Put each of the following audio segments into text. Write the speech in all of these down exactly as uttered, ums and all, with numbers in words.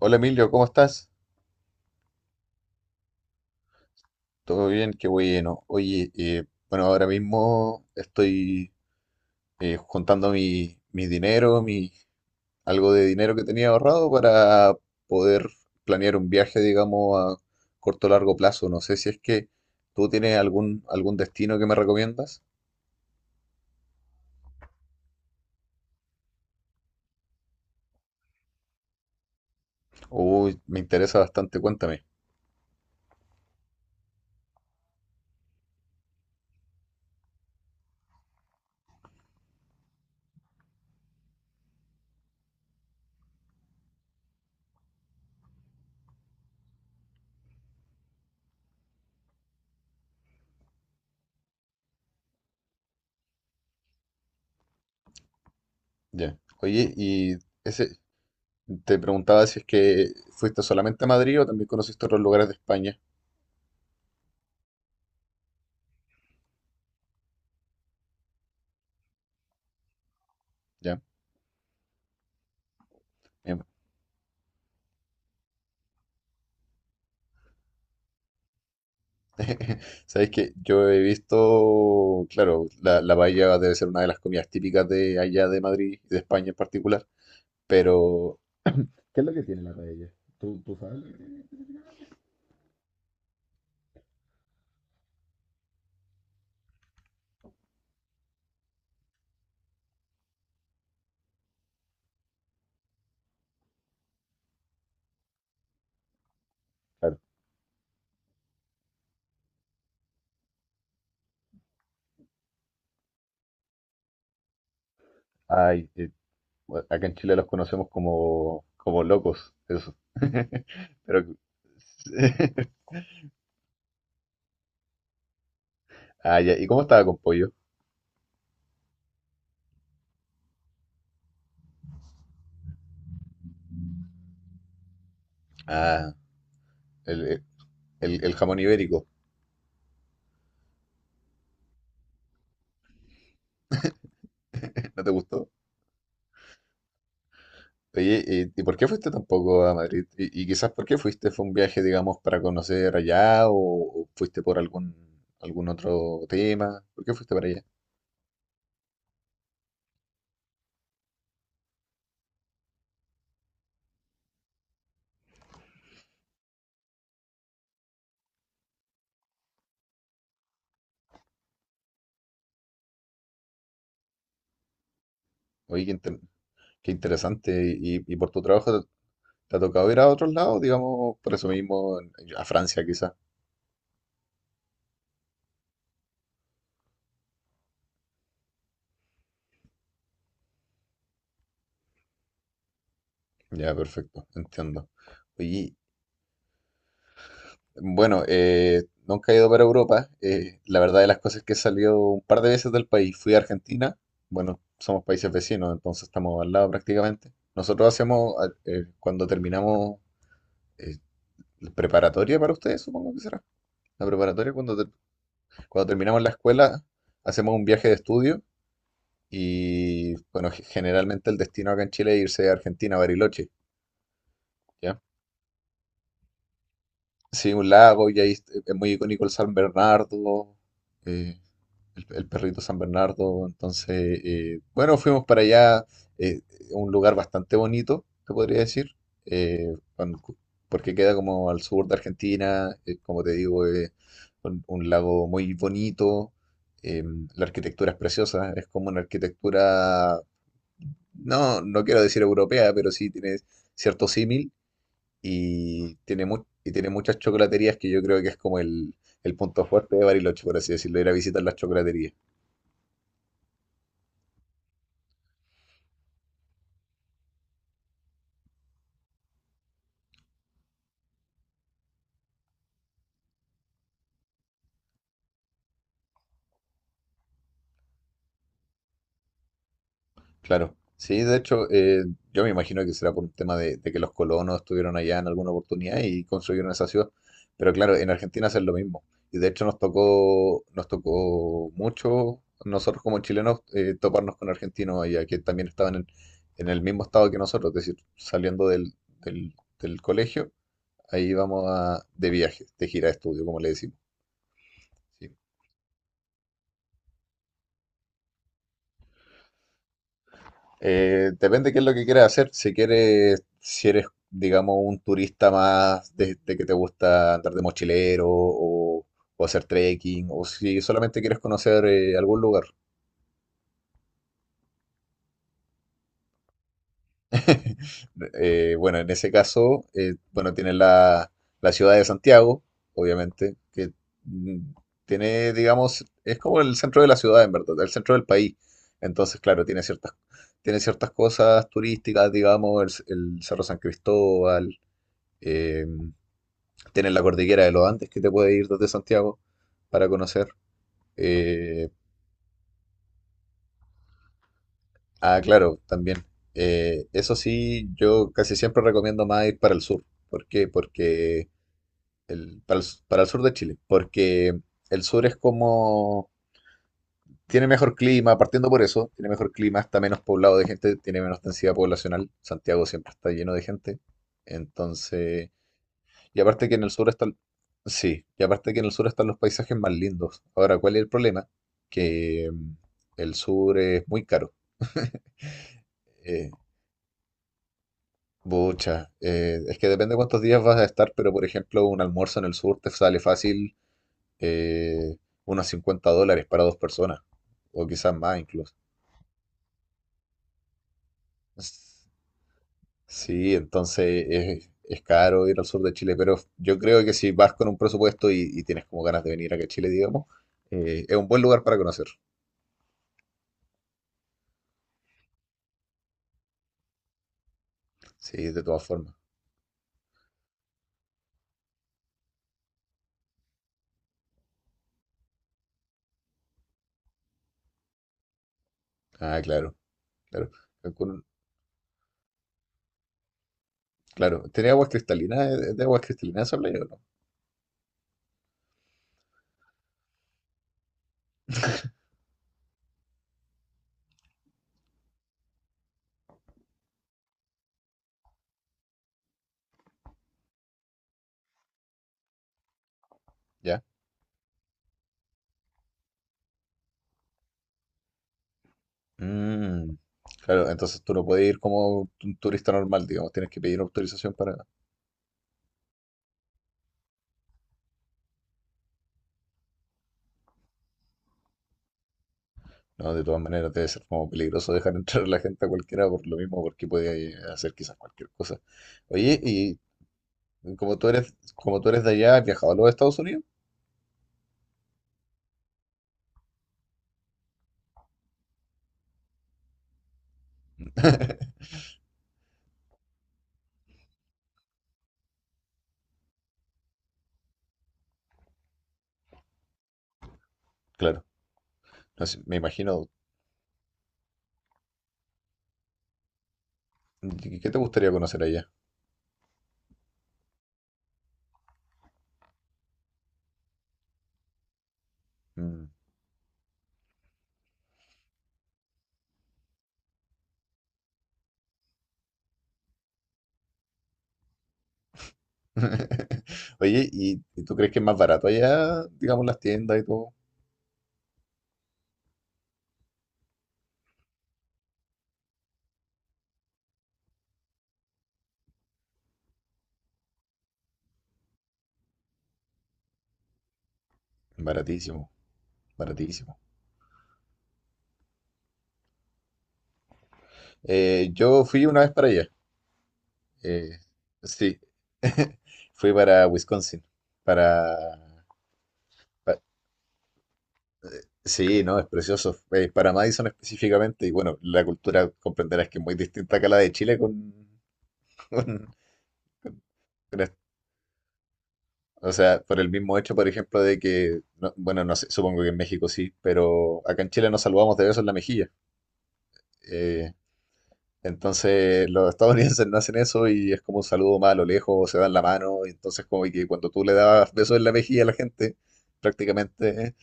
Hola Emilio, ¿cómo estás? Todo bien, qué bueno. Oye, eh, bueno, ahora mismo estoy eh, juntando mi, mi dinero, mi, algo de dinero que tenía ahorrado para poder planear un viaje, digamos, a corto o largo plazo. No sé si es que tú tienes algún, algún destino que me recomiendas. Uy, me interesa bastante, cuéntame. Ya. Oye, y ese, te preguntaba si es que fuiste solamente a Madrid o también conociste otros lugares de España. Ya. Em, Sabéis que yo he visto, claro, la, la paella debe ser una de las comidas típicas de allá de Madrid y de España en particular, pero claro, hay, eh, bueno, acá en Chile los conocemos como, como locos, eso. Pero, ah, ya, ¿y cómo estaba con pollo? Ah, el, el, el jamón ibérico. ¿No te gustó? Oye, ¿y, y por qué fuiste tampoco a Madrid? Y, y quizás por qué fuiste, ¿fue un viaje, digamos, para conocer allá o, o fuiste por algún, algún otro tema? ¿Por qué fuiste para allá? Oye, qué, inter- qué interesante. Y, y por tu trabajo, ¿te, te ha tocado ir a otros lados, digamos, por eso mismo, a Francia quizás? Ya, perfecto, entiendo. Oye, bueno, eh, nunca he ido para Europa. Eh, la verdad de las cosas es que he salido un par de veces del país. Fui a Argentina. Bueno, somos países vecinos, entonces estamos al lado prácticamente. Nosotros hacemos, a- eh, cuando terminamos, eh, la preparatoria para ustedes, supongo que será. La preparatoria, cuando, ter- cuando terminamos la escuela, hacemos un viaje de estudio y, bueno, ge- generalmente el destino acá en Chile es irse a Argentina, a Bariloche. ¿Ya? Sí, un lago y ahí es es muy icónico el San Bernardo. eh, el, el perrito San Bernardo. Entonces, eh, bueno, fuimos para allá, eh, un lugar bastante bonito, te podría decir, eh, con- porque queda como al sur de Argentina, eh, como te digo, eh, un, un lago muy bonito, eh, la arquitectura es preciosa, es como una arquitectura, no, no quiero decir europea, pero sí tiene cierto símil y tiene, mu- y tiene muchas chocolaterías que yo creo que es como el, el punto fuerte de Bariloche, por así decirlo, ir a visitar las chocolaterías. Claro, sí, de hecho, eh, yo me imagino que será por un tema de, de que los colonos estuvieron allá en alguna oportunidad y construyeron esa ciudad. Pero claro, en Argentina hacen lo mismo. Y de hecho nos tocó, nos tocó mucho nosotros como chilenos eh, toparnos con argentinos allá, que también estaban en, en el mismo estado que nosotros, es decir, saliendo del, del, del colegio, ahí vamos a, de viaje, de gira de estudio, como le decimos. Sí. Eh, depende qué es lo que quieras hacer. Si quieres, si eres, digamos, un turista más de, de que te gusta andar de mochilero o, o hacer trekking, o si solamente quieres conocer eh, algún lugar. Eh, bueno, en ese caso, eh, bueno, tienes la, la ciudad de Santiago, obviamente, que mm, tiene, digamos, es como el centro de la ciudad, en verdad, el centro del país. Entonces, claro, tiene ciertas, tiene ciertas cosas turísticas, digamos, el, el Cerro San Cristóbal. Eh, Tienes la cordillera de los Andes que te puede ir desde Santiago para conocer. Eh, ah, claro, también. Eh, eso sí, yo casi siempre recomiendo más ir para el sur. ¿Por qué? Porque el, para el, s- para el sur de Chile. Porque el sur es como... Tiene mejor clima, partiendo por eso, tiene mejor clima, está menos poblado de gente, tiene menos densidad poblacional. Santiago siempre está lleno de gente. Entonces... Y aparte que en el sur están, sí, y aparte que en el sur están los paisajes más lindos. Ahora, ¿cuál es el problema? Que mm, el sur es muy caro. Eh, Bucha, eh, es que depende cuántos días vas a estar, pero por ejemplo, un almuerzo en el sur te sale fácil eh, unos cincuenta dólares para dos personas, o quizás más incluso. S- Sí, entonces es, es caro ir al sur de Chile, pero yo creo que si vas con un presupuesto y, y tienes como ganas de venir acá a Chile, digamos, eh, es un buen lugar para conocer. Sí, de todas formas. Ah, claro, claro. Cancún, claro. ¿Tiene aguas cristalinas? ¿Es ¿De, de aguas cristalinas esa playa o no? Ya. Mm, claro, entonces tú no puedes ir como un turista normal, digamos. Tienes que pedir autorización para... No, de todas maneras debe ser como peligroso dejar entrar a la gente a cualquiera por lo mismo, porque podía eh, hacer quizás cualquier cosa. Oye, y como tú eres, como tú eres de allá, ¿has viajado a los Estados Unidos? Claro. No sé, me imagino. ¿Qué te gustaría conocer allá? Mm. Oye, ¿y, y tú crees que es más barato allá, digamos, las tiendas y todo? Baratísimo, baratísimo. Eh, yo fui una vez para allá. eh, sí, fui para Wisconsin. Para, pa- sí, no, es precioso. Eh, para Madison específicamente. Y bueno, la cultura comprenderás que es muy distinta acá a la de Chile con, con- con esto. O sea, por el mismo hecho, por ejemplo, de que, no- bueno, no sé, supongo que en México sí, pero acá en Chile nos saludamos de besos en la mejilla. eh, Entonces los estadounidenses no hacen eso y es como un saludo más a lo lejos, se dan la mano, y entonces como que cuando tú le dabas besos en la mejilla a la gente, prácticamente, ¿eh?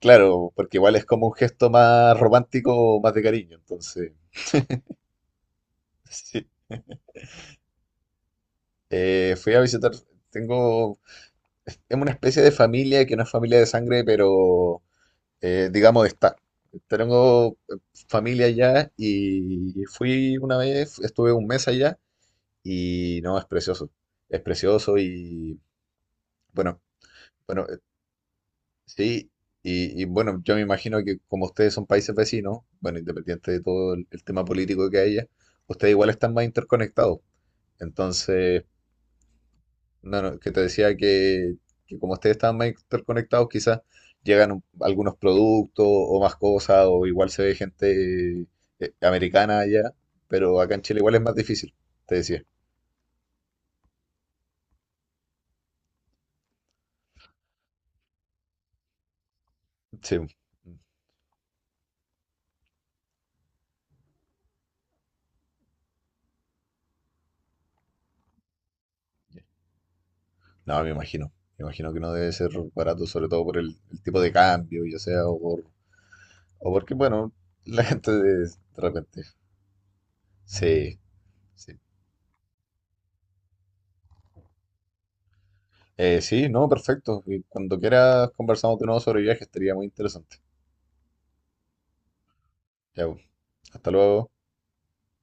Claro, porque igual es como un gesto más romántico, más de cariño, entonces sí. Eh, fui a visitar, tengo, es una especie de familia que no es familia de sangre, pero eh, digamos de estar. Tengo eh, familia allá y fui una vez, estuve un mes allá y no, es precioso, es precioso. Y bueno, bueno, eh, sí, y, y bueno, yo me imagino que como ustedes son países vecinos, bueno, independiente de todo el, el tema político que haya, ustedes igual están más interconectados. Entonces, no, no, que te decía que, que como ustedes están más interconectados, quizás llegan un- algunos productos o más cosas, o igual se ve gente eh, americana allá, pero acá en Chile igual es más difícil, te decía. Sí. No, me imagino. Me imagino que no debe ser barato, sobre todo por el, el tipo de cambio, ya sea, o por, o porque, bueno, la gente de, de repente. Sí, sí. Eh, sí, no, perfecto. Y cuando quieras conversamos de nuevo sobre viajes, estaría muy interesante. Ya, pues. Hasta luego.